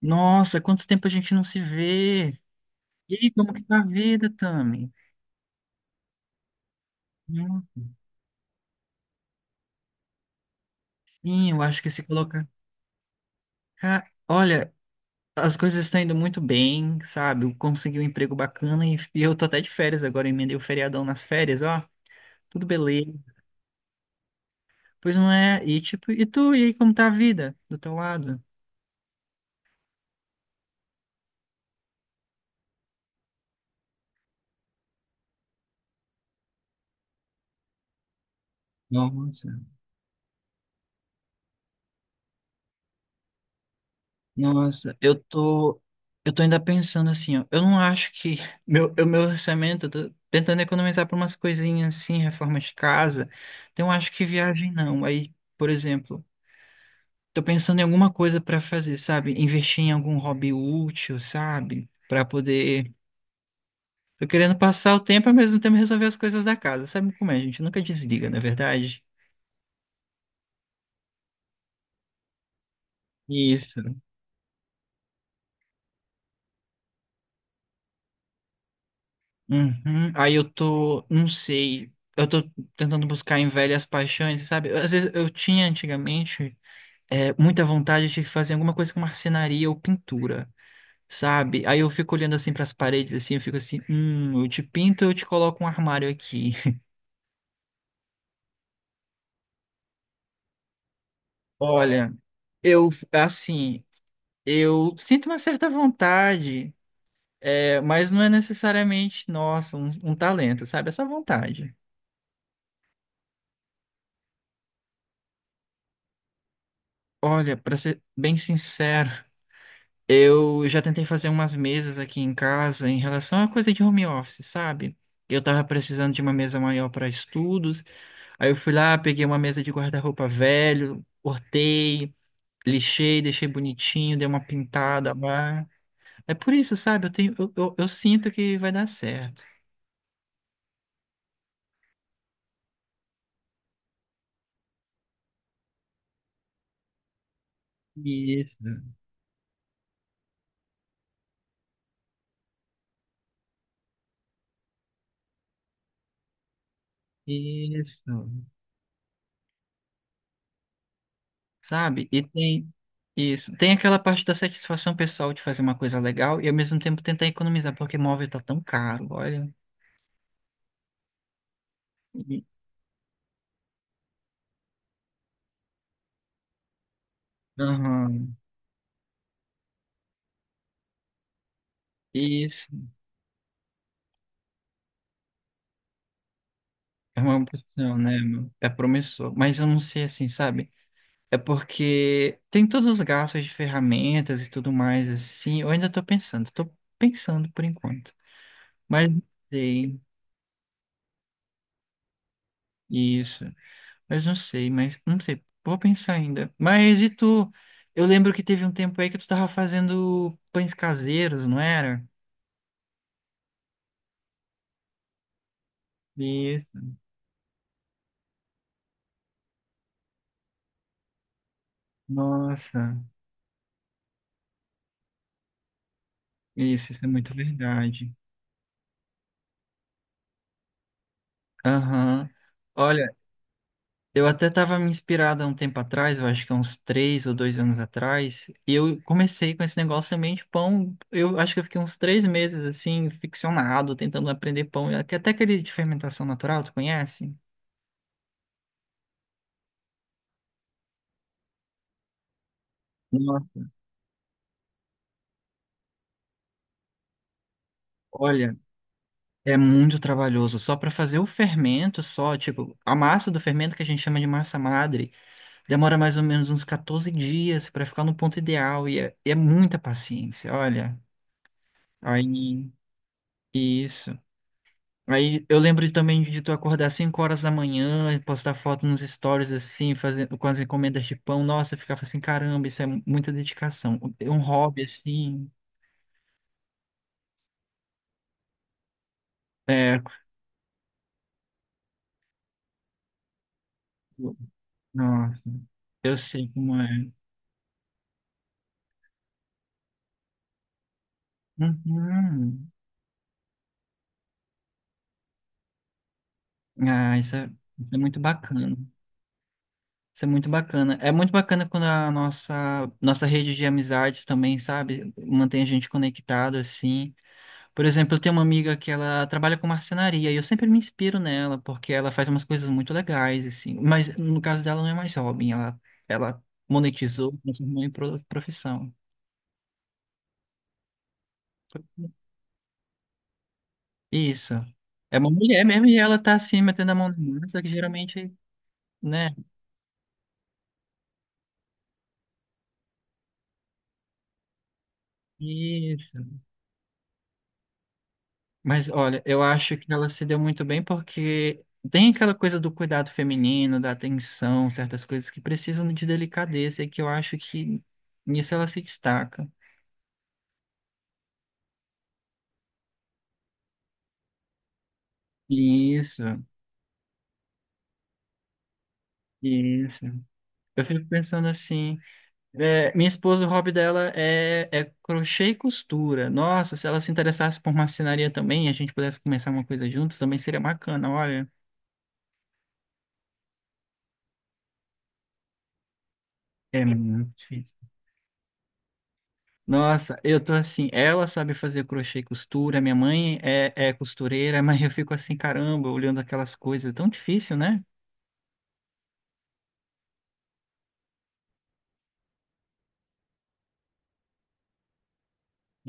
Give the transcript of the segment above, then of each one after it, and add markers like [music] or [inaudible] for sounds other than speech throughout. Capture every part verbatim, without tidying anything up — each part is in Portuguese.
Nossa, quanto tempo a gente não se vê. E aí, como que tá a vida, Tami? Hum, Sim, eu acho que se coloca. Ca- Olha, as coisas estão indo muito bem, sabe? Eu consegui um emprego bacana e e eu tô até de férias agora, emendei o feriadão nas férias, ó. Tudo beleza. Pois não é? E tipo, e tu, e aí, como tá a vida do teu lado? Nossa. Nossa, eu tô, eu tô ainda pensando assim, ó. Eu não acho que [laughs] meu, o meu orçamento, eu tô tentando economizar pra umas coisinhas assim, reforma de casa. Então eu acho que viagem não. Aí, por exemplo, tô pensando em alguma coisa pra fazer, sabe? Investir em algum hobby útil, sabe? Pra poder, tô querendo passar o tempo ao mesmo tempo resolver as coisas da casa. Sabe como é, gente? Nunca desliga, não é verdade? Isso. Uhum. Aí eu tô, não sei, eu tô tentando buscar em velhas paixões, sabe? Às vezes eu tinha antigamente é, muita vontade de fazer alguma coisa com marcenaria ou pintura, sabe? Aí eu fico olhando assim para as paredes, assim, eu fico assim, hum, eu te pinto, eu te coloco um armário aqui. [laughs] Olha, eu, assim, eu sinto uma certa vontade, é, mas não é necessariamente, nossa, um, um talento, sabe? É só vontade. Olha, para ser bem sincero. Eu já tentei fazer umas mesas aqui em casa em relação a coisa de home office, sabe? Eu tava precisando de uma mesa maior para estudos, aí eu fui lá, peguei uma mesa de guarda-roupa velho, cortei, lixei, deixei bonitinho, dei uma pintada lá. É por isso, sabe? Eu tenho, eu, eu, eu sinto que vai dar certo. Isso, isso. Sabe? E tem isso. Tem aquela parte da satisfação pessoal de fazer uma coisa legal e ao mesmo tempo tentar economizar, porque móvel tá tão caro, olha. Aham, isso é uma opção, né? Meu? É promissor. Mas eu não sei assim, sabe? É porque tem todos os gastos de ferramentas e tudo mais, assim. Eu ainda tô pensando, tô pensando por enquanto. Mas não sei, isso. Mas não sei, mas não sei. Vou pensar ainda. Mas e tu? Eu lembro que teve um tempo aí que tu tava fazendo pães caseiros, não era? Isso. Nossa, isso, isso é muito verdade. Aham. Olha. Eu até estava me inspirado há um tempo atrás, eu acho que há uns três ou dois anos atrás, e eu comecei com esse negócio também de pão. Eu acho que eu fiquei uns três meses assim, ficcionado, tentando aprender pão. Até até aquele de fermentação natural, tu conhece? Nossa, olha, é muito trabalhoso. Só para fazer o fermento, só, tipo, a massa do fermento que a gente chama de massa madre, demora mais ou menos uns catorze dias para ficar no ponto ideal, e é, e é muita paciência, olha. Aí, isso. Aí eu lembro também de tu acordar cinco horas da manhã e postar foto nos stories assim, fazendo com as encomendas de pão. Nossa, eu ficava assim, caramba, isso é muita dedicação. É um hobby assim, é, nossa, eu sei como é. Uhum. Ah, isso é, isso é muito bacana. Isso é muito bacana. É muito bacana quando a nossa nossa rede de amizades também, sabe, mantém a gente conectado assim. Por exemplo, eu tenho uma amiga que ela trabalha com marcenaria e eu sempre me inspiro nela porque ela faz umas coisas muito legais, assim. Mas no caso dela não é mais hobby, ela, ela monetizou, transformou em pro- profissão. Isso. É uma mulher mesmo e ela tá assim metendo a mão na massa, que geralmente, né? Isso. Mas olha, eu acho que ela se deu muito bem porque tem aquela coisa do cuidado feminino, da atenção, certas coisas que precisam de delicadeza e que eu acho que nisso ela se destaca. Isso. Isso. Eu fico pensando assim, é, minha esposa, o hobby dela é, é crochê e costura. Nossa, se ela se interessasse por marcenaria também, e a gente pudesse começar uma coisa juntos, também seria bacana, olha. É muito difícil. Nossa, eu tô assim, ela sabe fazer crochê e costura, minha mãe é, é costureira, [laughs] mas eu fico assim, caramba, olhando aquelas coisas, é tão difícil, né?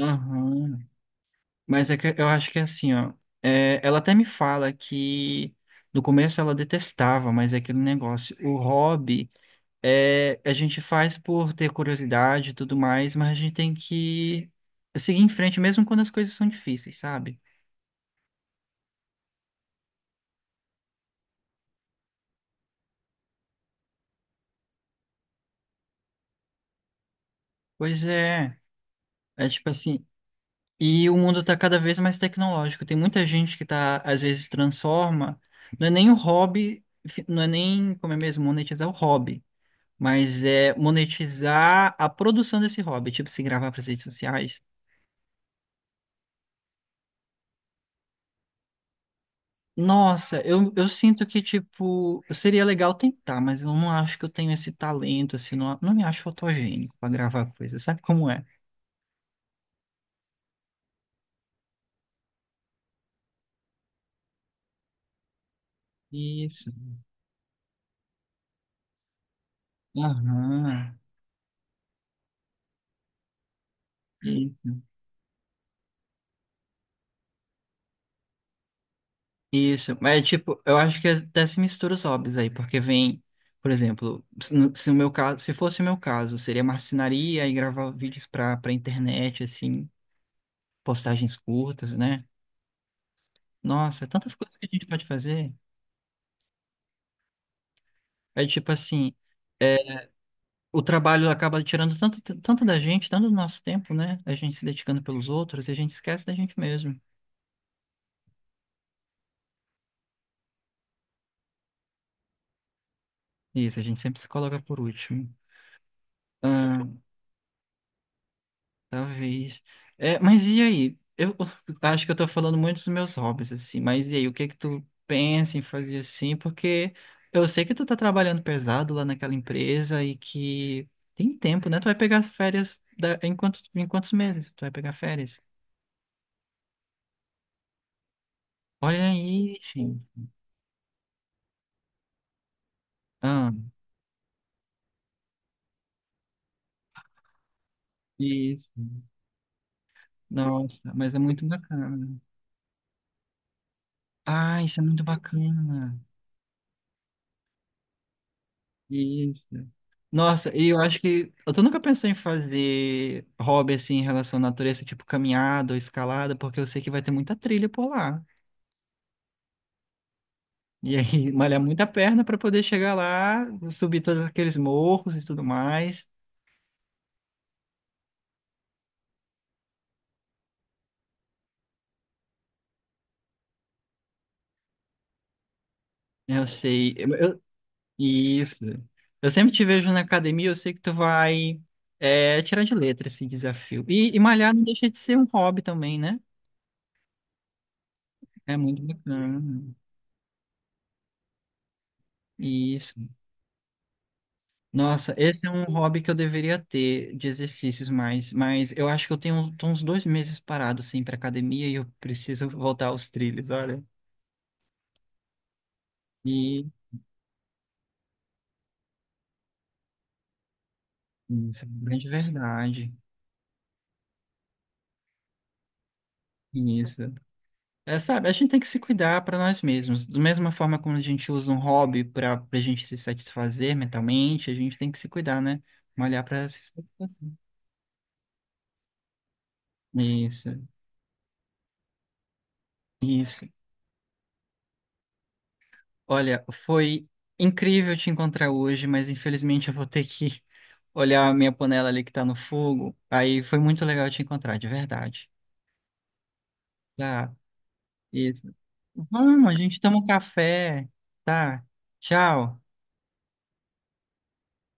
Aham. Mas é que eu acho que é assim, ó. É, ela até me fala que no começo ela detestava, mas é aquele negócio. O hobby é, a gente faz por ter curiosidade e tudo mais, mas a gente tem que seguir em frente mesmo quando as coisas são difíceis, sabe? Pois é, é tipo assim. E o mundo tá cada vez mais tecnológico. Tem muita gente que tá, às vezes, transforma. Não é nem o hobby, fi- não é nem, como é mesmo, monetizar o hobby. Mas é monetizar a produção desse hobby, tipo, se gravar para as redes sociais. Nossa, eu, eu sinto que, tipo, seria legal tentar, mas eu não acho que eu tenho esse talento, assim, não, não me acho fotogênico para gravar coisa, sabe como é? Isso. Aham. Isso. Isso. Mas, tipo, eu acho que até se mistura os hobbies aí, porque vem, por exemplo, se no- se o meu caso, se fosse o meu caso, seria marcenaria e gravar vídeos para para internet, assim, postagens curtas, né? Nossa, tantas coisas que a gente pode fazer. É tipo assim, é, o trabalho acaba tirando tanto, tanto da gente, tanto do nosso tempo, né? A gente se dedicando pelos outros e a gente esquece da gente mesmo. Isso, a gente sempre se coloca por último. Ah, talvez. É, mas e aí? Eu acho que eu tô falando muito dos meus hobbies, assim, mas e aí, o que que tu pensa em fazer assim? Porque eu sei que tu tá trabalhando pesado lá naquela empresa e que tem tempo, né? Tu vai pegar férias da... em quantos, em quantos meses? Tu vai pegar férias? Olha aí, gente. Ah, isso. Nossa, mas é muito bacana. Ah, isso é muito bacana. Isso. Nossa, e eu acho que. Eu tô nunca pensei em fazer hobby assim em relação à natureza, tipo caminhada ou escalada, porque eu sei que vai ter muita trilha por lá. E aí, [laughs] malhar muita perna pra poder chegar lá, subir todos aqueles morros e tudo mais. Eu sei. Eu, isso. Eu sempre te vejo na academia, eu sei que tu vai é, tirar de letra esse desafio. E, e malhar não deixa de ser um hobby também, né? É muito bacana. Isso. Nossa, esse é um hobby que eu deveria ter de exercícios mais, mas eu acho que eu tenho tô uns dois meses parado assim para academia e eu preciso voltar aos trilhos, olha. E isso, grande verdade. Isso. É, sabe, a gente tem que se cuidar para nós mesmos. Da mesma forma como a gente usa um hobby para a gente se satisfazer mentalmente, a gente tem que se cuidar, né? Malhar para se satisfazer. Isso, isso. Olha, foi incrível te encontrar hoje, mas infelizmente eu vou ter que [laughs] olhar a minha panela ali que tá no fogo. Aí foi muito legal te encontrar, de verdade. Tá, isso. Vamos, a gente toma um café. Tá, tchau.